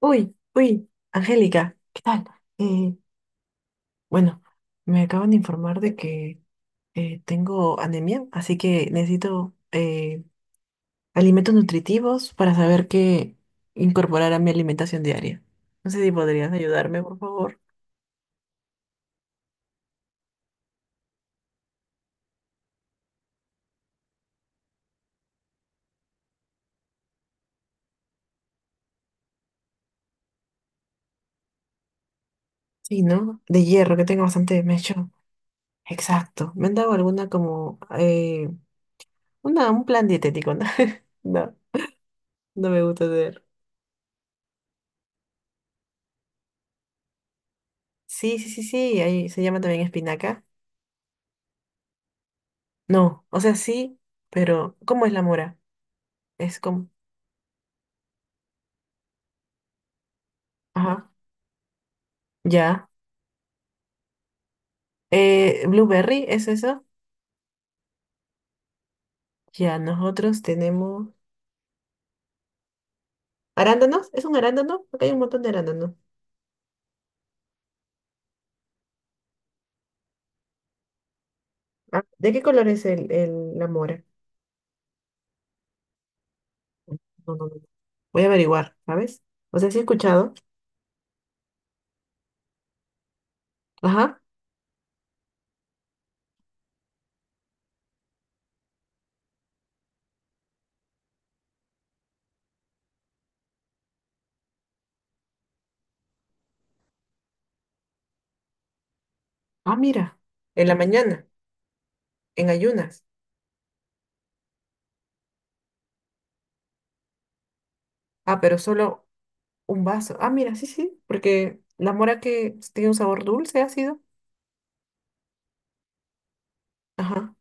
Uy, uy, Angélica, ¿qué tal? Eh, bueno, me acaban de informar de que tengo anemia, así que necesito alimentos nutritivos para saber qué incorporar a mi alimentación diaria. No sé si podrías ayudarme, por favor. Sí, ¿no? De hierro, que tengo bastante, me he hecho. Exacto. Me han dado alguna como una, un plan dietético, ¿no? No, no me gusta hacer. Sí, sí, sí, sí, ahí se llama también espinaca. No, o sea, sí, pero ¿cómo es la mora? Es como, ajá, ya. Blueberry, ¿es eso? Ya, nosotros tenemos arándanos, ¿es un arándano? Acá hay un montón de arándanos. Ah, ¿de qué color es la mora? No, no, no, no. Voy a averiguar, ¿sabes? O sea, sí he escuchado. Ajá. Ah, mira, en la mañana, en ayunas. Ah, pero solo un vaso. Ah, mira, sí, sí, porque la mora que tiene un sabor dulce, ácido. Ajá.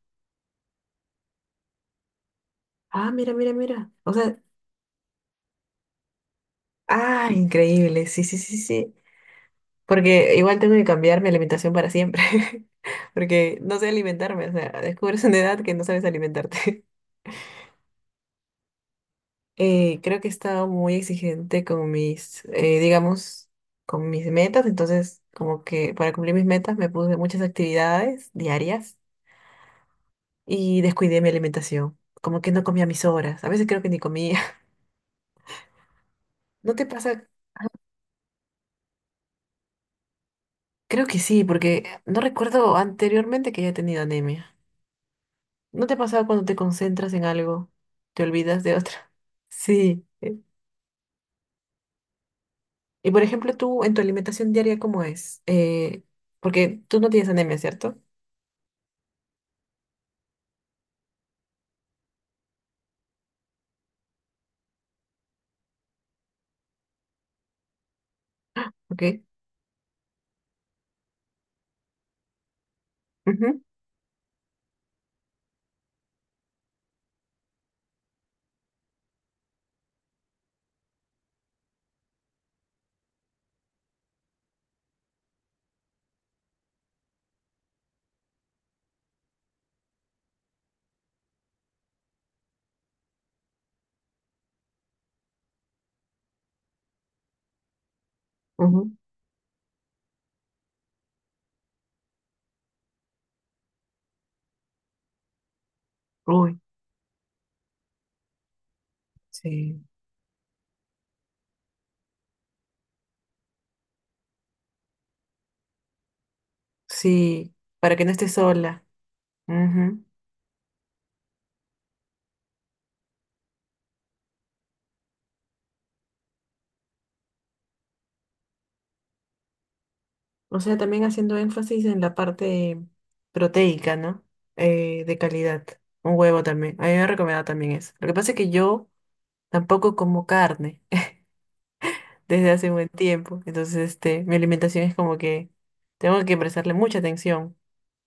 Ah, mira, mira, mira. O sea, ah, increíble. Sí, sí, sí, sí. Porque igual tengo que cambiar mi alimentación para siempre. Porque no sé alimentarme. O sea, descubres una edad que no sabes alimentarte. Creo que he estado muy exigente con mis, digamos, con mis metas. Entonces, como que para cumplir mis metas me puse muchas actividades diarias y descuidé mi alimentación. Como que no comía mis horas. A veces creo que ni comía. ¿No te pasa? Creo que sí, porque no recuerdo anteriormente que haya tenido anemia. ¿No te pasa cuando te concentras en algo, te olvidas de otra? Sí. Y por ejemplo, tú en tu alimentación diaria, ¿cómo es? Porque tú no tienes anemia, ¿cierto? Ok. Ujú, ujú. Uy, sí. Sí, para que no estés sola. Ujú. O sea, también haciendo énfasis en la parte proteica, ¿no? De calidad. Un huevo también. A mí me ha recomendado también eso. Lo que pasa es que yo tampoco como carne desde hace un buen tiempo. Entonces, este, mi alimentación es como que tengo que prestarle mucha atención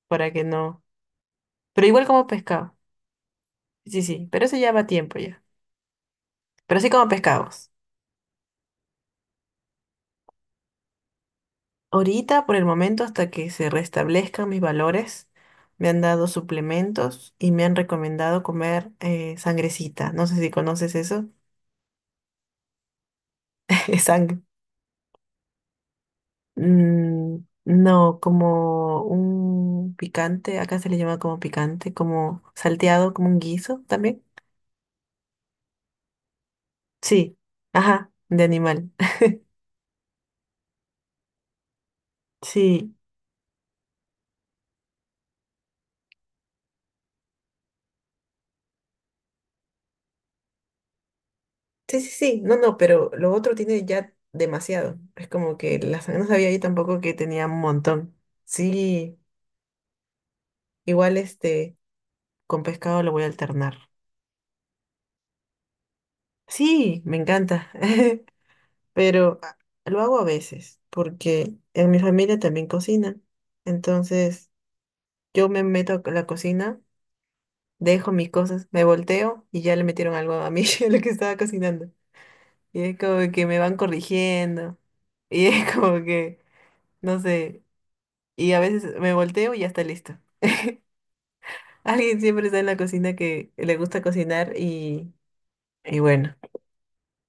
para que no. Pero igual como pescado. Sí, sí, pero eso ya va tiempo ya. Pero sí como pescados. Ahorita, por el momento, hasta que se restablezcan mis valores, me han dado suplementos y me han recomendado comer sangrecita. No sé si conoces eso. Es sangre. Mm, no, como un picante, acá se le llama como picante, como salteado, como un guiso también. Sí, ajá, de animal. Sí, sí, sí, sí, no, no, pero lo otro tiene ya demasiado. Es como que la sangre no sabía yo tampoco que tenía un montón. Sí, igual este, con pescado lo voy a alternar. Sí, me encanta, pero lo hago a veces, porque en mi familia también cocina. Entonces, yo me meto a la cocina, dejo mis cosas, me volteo y ya le metieron algo a mí, a lo que estaba cocinando. Y es como que me van corrigiendo. Y es como que, no sé. Y a veces me volteo y ya está listo. Alguien siempre está en la cocina que le gusta cocinar y bueno,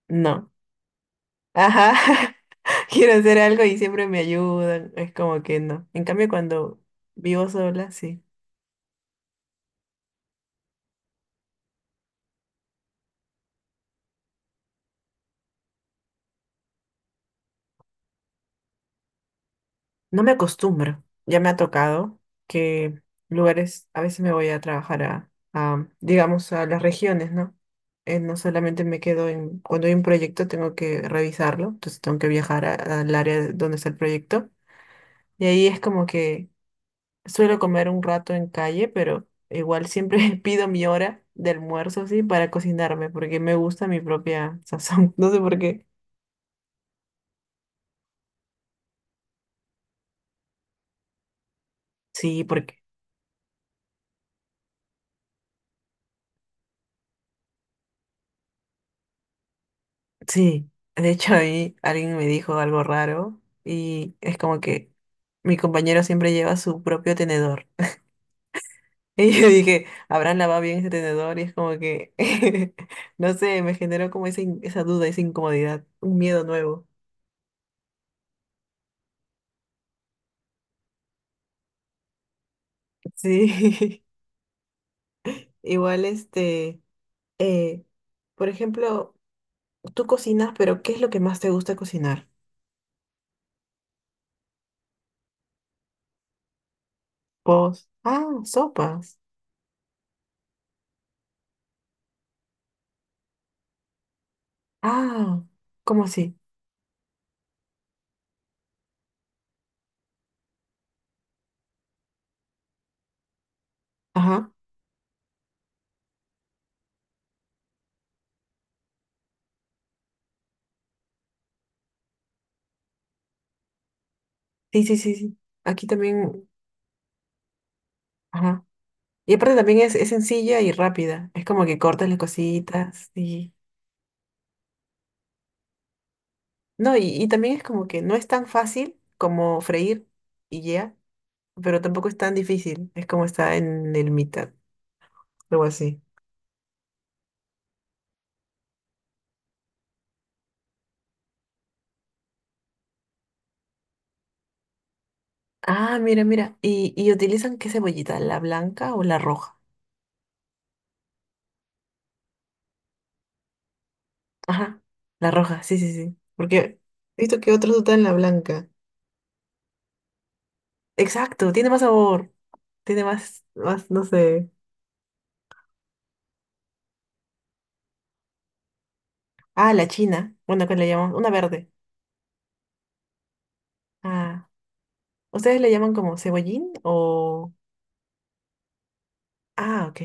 no. Ajá. Quiero hacer algo y siempre me ayudan. Es como que no. En cambio, cuando vivo sola, sí. No me acostumbro. Ya me ha tocado que lugares, a veces me voy a trabajar a, digamos, a las regiones, ¿no? No solamente me quedo en, cuando hay un proyecto tengo que revisarlo, entonces tengo que viajar al área donde está el proyecto. Y ahí es como que suelo comer un rato en calle, pero igual siempre pido mi hora de almuerzo, sí, para cocinarme, porque me gusta mi propia sazón. No sé por qué. Sí, porque sí, de hecho ahí alguien me dijo algo raro y es como que mi compañero siempre lleva su propio tenedor. Y yo dije, ¿habrán lavado bien ese tenedor? Y es como que, no sé, me generó como esa, esa duda, esa incomodidad, un miedo nuevo. Sí, igual este, eh, por ejemplo, tú cocinas, pero ¿qué es lo que más te gusta cocinar? Pos. Ah, sopas. Ah, ¿cómo así? Ajá. Sí, sí, sí, sí. Aquí también. Ajá. Y aparte también es sencilla y rápida. Es como que cortas las cositas y... No, y también es como que no es tan fácil como freír y ya, pero tampoco es tan difícil. Es como está en el mitad, algo así. Ah, mira, mira. Y utilizan qué cebollita? ¿La blanca o la roja? Ajá, la roja, sí, sí, sí. Porque he visto que otros usan la blanca. Exacto, tiene más sabor. Tiene más, más, no sé. Ah, la china. Bueno, acá le llamamos una verde. Ah. ¿Ustedes le llaman como cebollín o...? Ah, ok.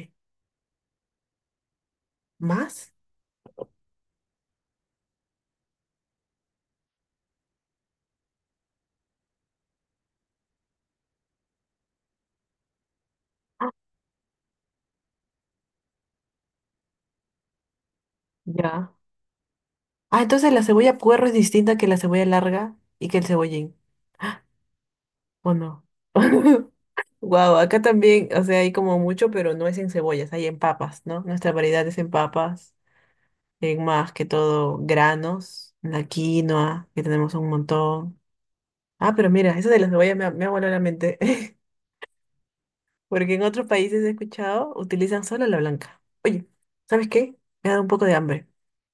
¿Más? Ya. Ah, entonces la cebolla puerro es distinta que la cebolla larga y que el cebollín. Ah, ¿o no? Wow, acá también, o sea, hay como mucho, pero no es en cebollas, hay en papas, ¿no? Nuestra variedad es en papas, en más que todo granos, la quinoa, que tenemos un montón. Ah, pero mira, eso de la cebolla me ha volado la mente. Porque en otros países he escuchado, utilizan solo la blanca. Oye, ¿sabes qué? Me ha dado un poco de hambre.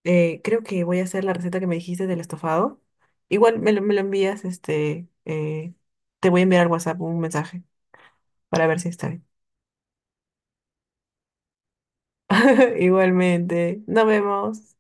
Creo que voy a hacer la receta que me dijiste del estofado. Igual me lo envías, este, te voy a enviar al WhatsApp un mensaje para ver si está bien. Igualmente, nos vemos.